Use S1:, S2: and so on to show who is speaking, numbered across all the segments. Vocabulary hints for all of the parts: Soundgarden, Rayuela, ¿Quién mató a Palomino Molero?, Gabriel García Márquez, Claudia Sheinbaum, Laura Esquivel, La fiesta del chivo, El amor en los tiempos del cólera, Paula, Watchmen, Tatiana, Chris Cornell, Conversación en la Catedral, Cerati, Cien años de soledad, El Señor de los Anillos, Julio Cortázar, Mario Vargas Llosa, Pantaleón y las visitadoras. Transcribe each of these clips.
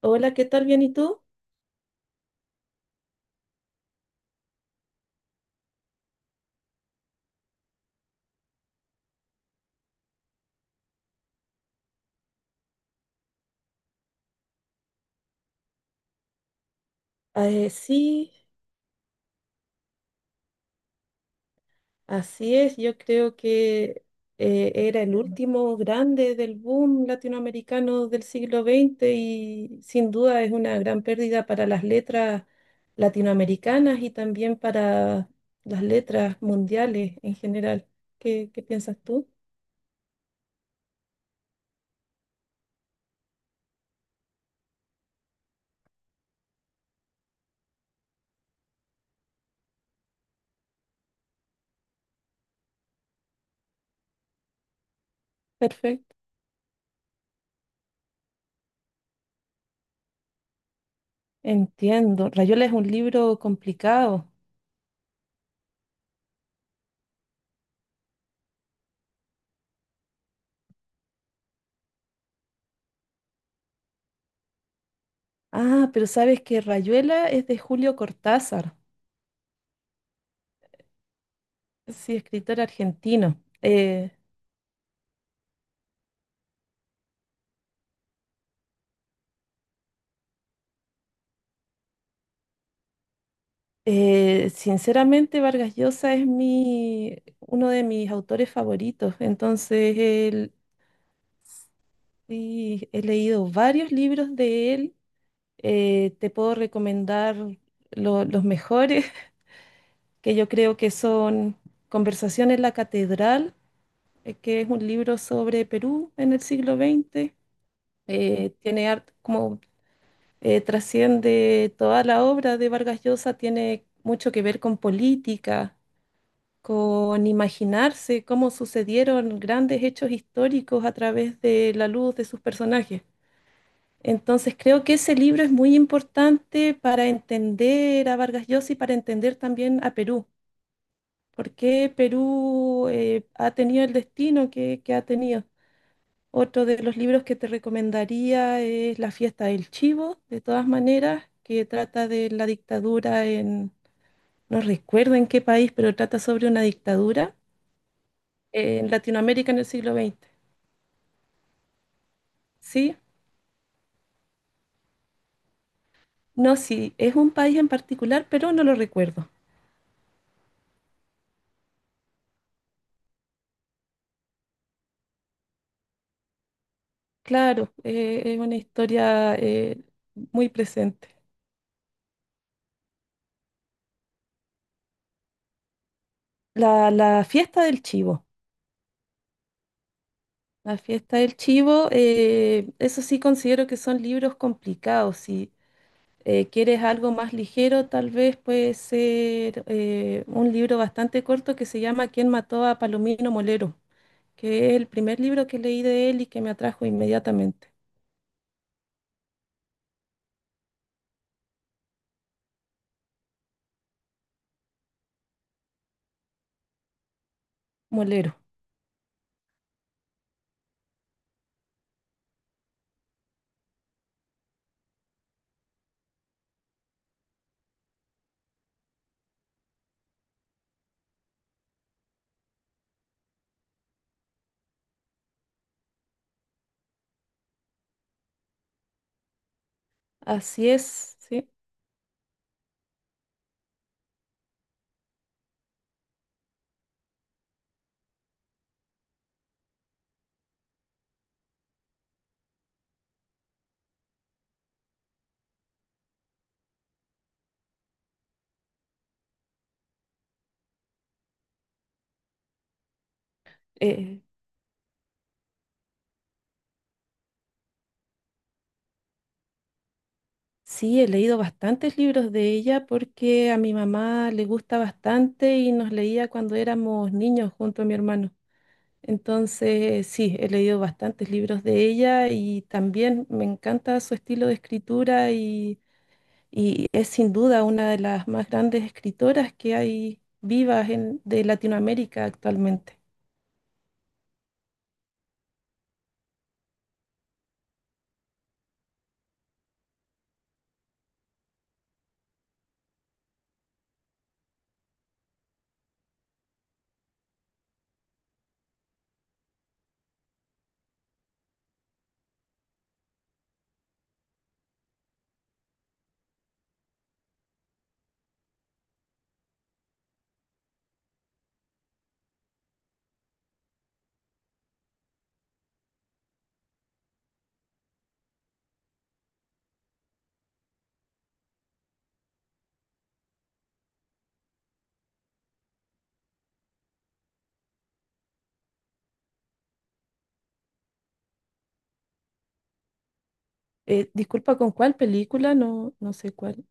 S1: Hola, ¿qué tal? ¿Bien y tú? Sí, así es. Yo creo que era el último grande del boom latinoamericano del siglo XX y sin duda es una gran pérdida para las letras latinoamericanas y también para las letras mundiales en general. ¿Qué piensas tú? Perfecto. Entiendo. Rayuela es un libro complicado. Ah, pero sabes que Rayuela es de Julio Cortázar, sí, escritor argentino. Sinceramente, Vargas Llosa es uno de mis autores favoritos. Entonces, él, sí, he leído varios libros de él. Te puedo recomendar los mejores, que yo creo que son Conversación en la Catedral, que es un libro sobre Perú en el siglo XX. Tiene como trasciende toda la obra de Vargas Llosa, tiene mucho que ver con política, con imaginarse cómo sucedieron grandes hechos históricos a través de la luz de sus personajes. Entonces creo que ese libro es muy importante para entender a Vargas Llosa y para entender también a Perú, porque Perú ha tenido el destino que ha tenido. Otro de los libros que te recomendaría es La fiesta del chivo, de todas maneras, que trata de la dictadura en, no recuerdo en qué país, pero trata sobre una dictadura en Latinoamérica en el siglo XX. Sí, no, sí, es un país en particular, pero no lo recuerdo. Claro, es una historia muy presente. La fiesta del chivo. La fiesta del chivo, eso sí considero que son libros complicados. Si quieres algo más ligero, tal vez puede ser un libro bastante corto que se llama ¿Quién mató a Palomino Molero?, que es el primer libro que leí de él y que me atrajo inmediatamente. Molero. Así es, sí. Eh, sí, he leído bastantes libros de ella porque a mi mamá le gusta bastante y nos leía cuando éramos niños junto a mi hermano. Entonces, sí, he leído bastantes libros de ella y también me encanta su estilo de escritura y es sin duda una de las más grandes escritoras que hay vivas de Latinoamérica actualmente. Disculpa, ¿con cuál película? No, no sé cuál.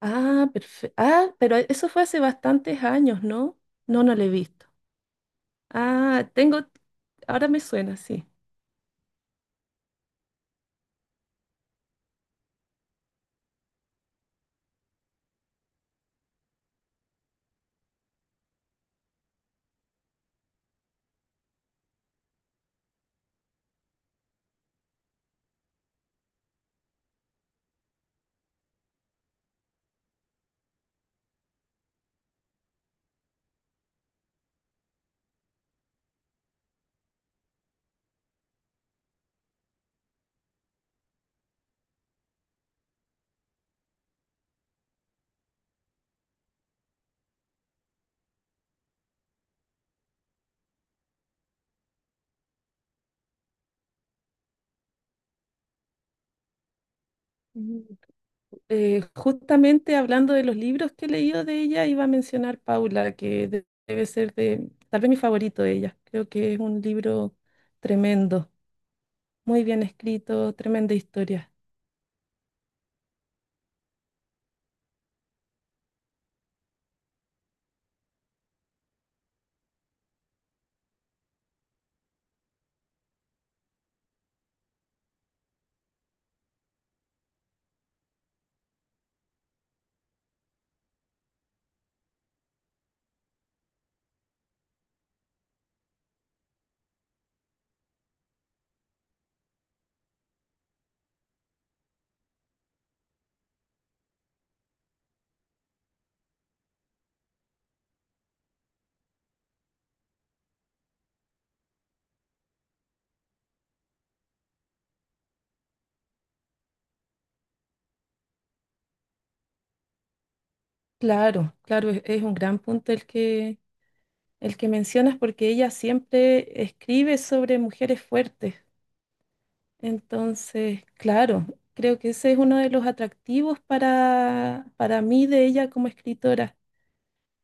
S1: Ah, perfecto. Ah, pero eso fue hace bastantes años, ¿no? No, no lo he visto. Ah, tengo, ahora me suena, sí. Mm, Justamente hablando de los libros que he leído de ella, iba a mencionar Paula, que debe ser de, tal vez mi favorito de ella. Creo que es un libro tremendo, muy bien escrito, tremenda historia. Claro, claro, es un gran punto el que mencionas porque ella siempre escribe sobre mujeres fuertes. Entonces, claro, creo que ese es uno de los atractivos para mí de ella como escritora.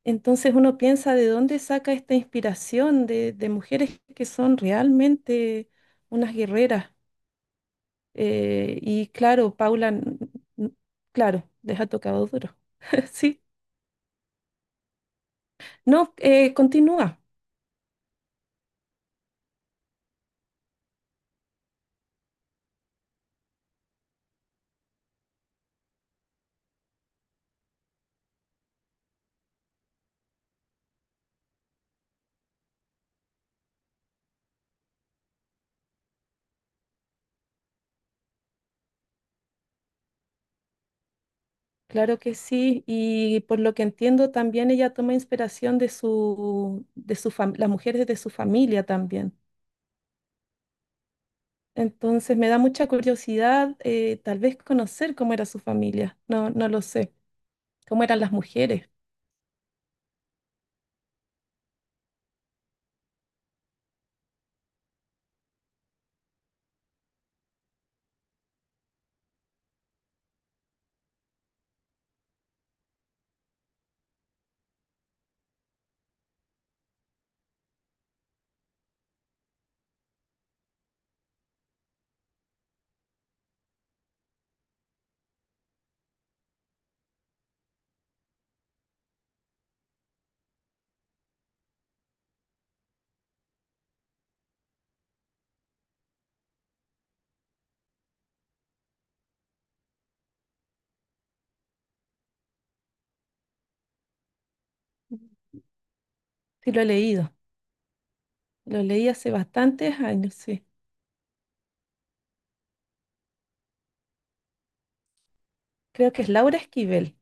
S1: Entonces uno piensa de dónde saca esta inspiración de mujeres que son realmente unas guerreras. Y claro, Paula, n- claro, les ha tocado duro. Sí, no, continúa. Claro que sí, y por lo que entiendo también ella toma inspiración de de su las mujeres de su familia también. Entonces me da mucha curiosidad, tal vez conocer cómo era su familia. No, no lo sé. Cómo eran las mujeres. Sí, lo he leído. Lo leí hace bastantes años, sí. Creo que es Laura Esquivel.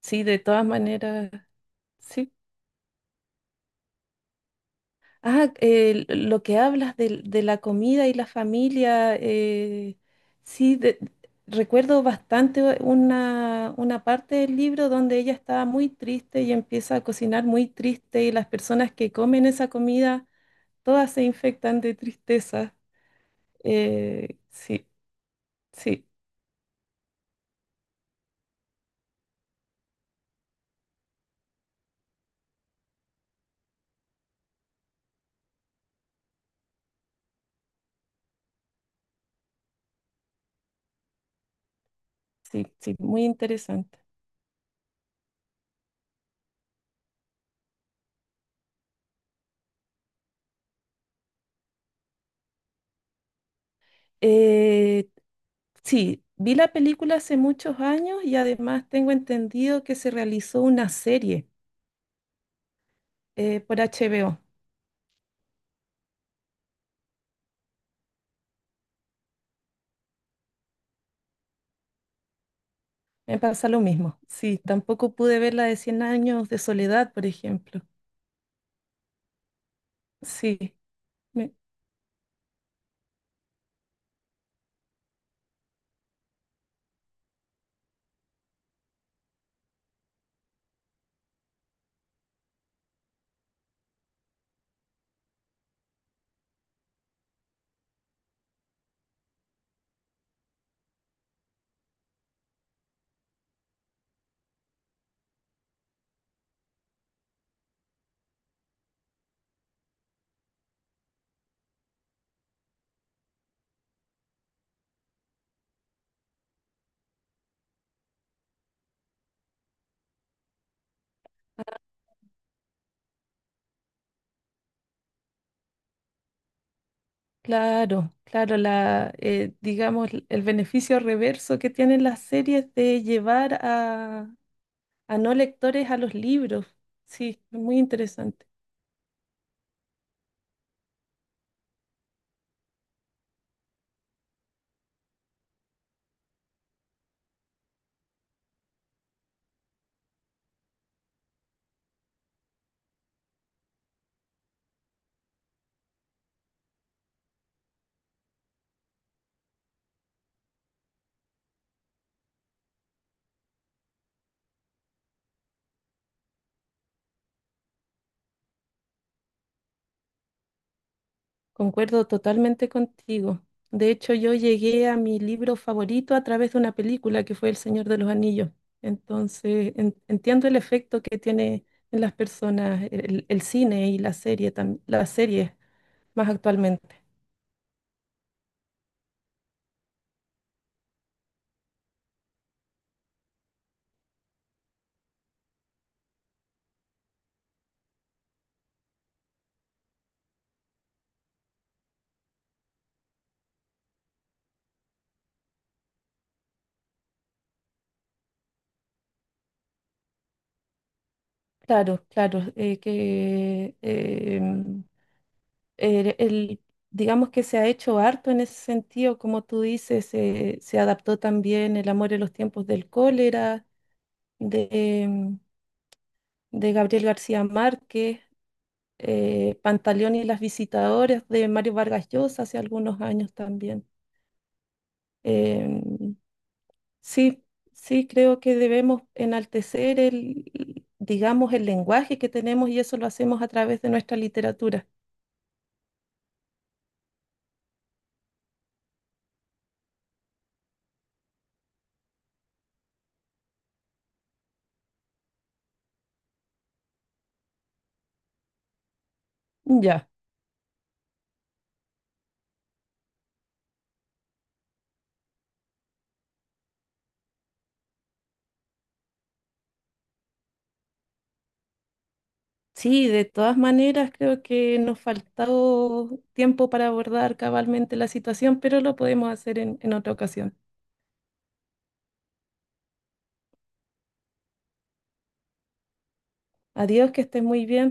S1: Sí, de todas maneras, sí. Ah, lo que hablas de la comida y la familia, sí, recuerdo bastante una parte del libro donde ella estaba muy triste y empieza a cocinar muy triste y las personas que comen esa comida todas se infectan de tristeza. Eh, sí, sí, sí, muy interesante. Eh, sí, vi la película hace muchos años y además tengo entendido que se realizó una serie por HBO. Me pasa lo mismo. Sí, tampoco pude ver la de Cien años de soledad, por ejemplo. Sí, me- Claro, claro, digamos, el beneficio reverso que tienen las series de llevar a no lectores a los libros. Sí, es muy interesante. Concuerdo totalmente contigo. De hecho, yo llegué a mi libro favorito a través de una película que fue El Señor de los Anillos. Entonces, entiendo el efecto que tiene en las personas el cine y la serie, las series más actualmente. Claro, claro, el, el- digamos que se ha hecho harto en ese sentido, como tú dices, se adaptó también El amor en los tiempos del cólera, de, de Gabriel García Márquez, Pantaleón y las visitadoras de Mario Vargas Llosa hace algunos años también. Em, sí, sí, creo que debemos enaltecer el, digamos, el lenguaje que tenemos y eso lo hacemos a través de nuestra literatura. Ya. Sí, de todas maneras creo que nos faltó tiempo para abordar cabalmente la situación, pero lo podemos hacer en otra ocasión. Adiós, que estés muy bien.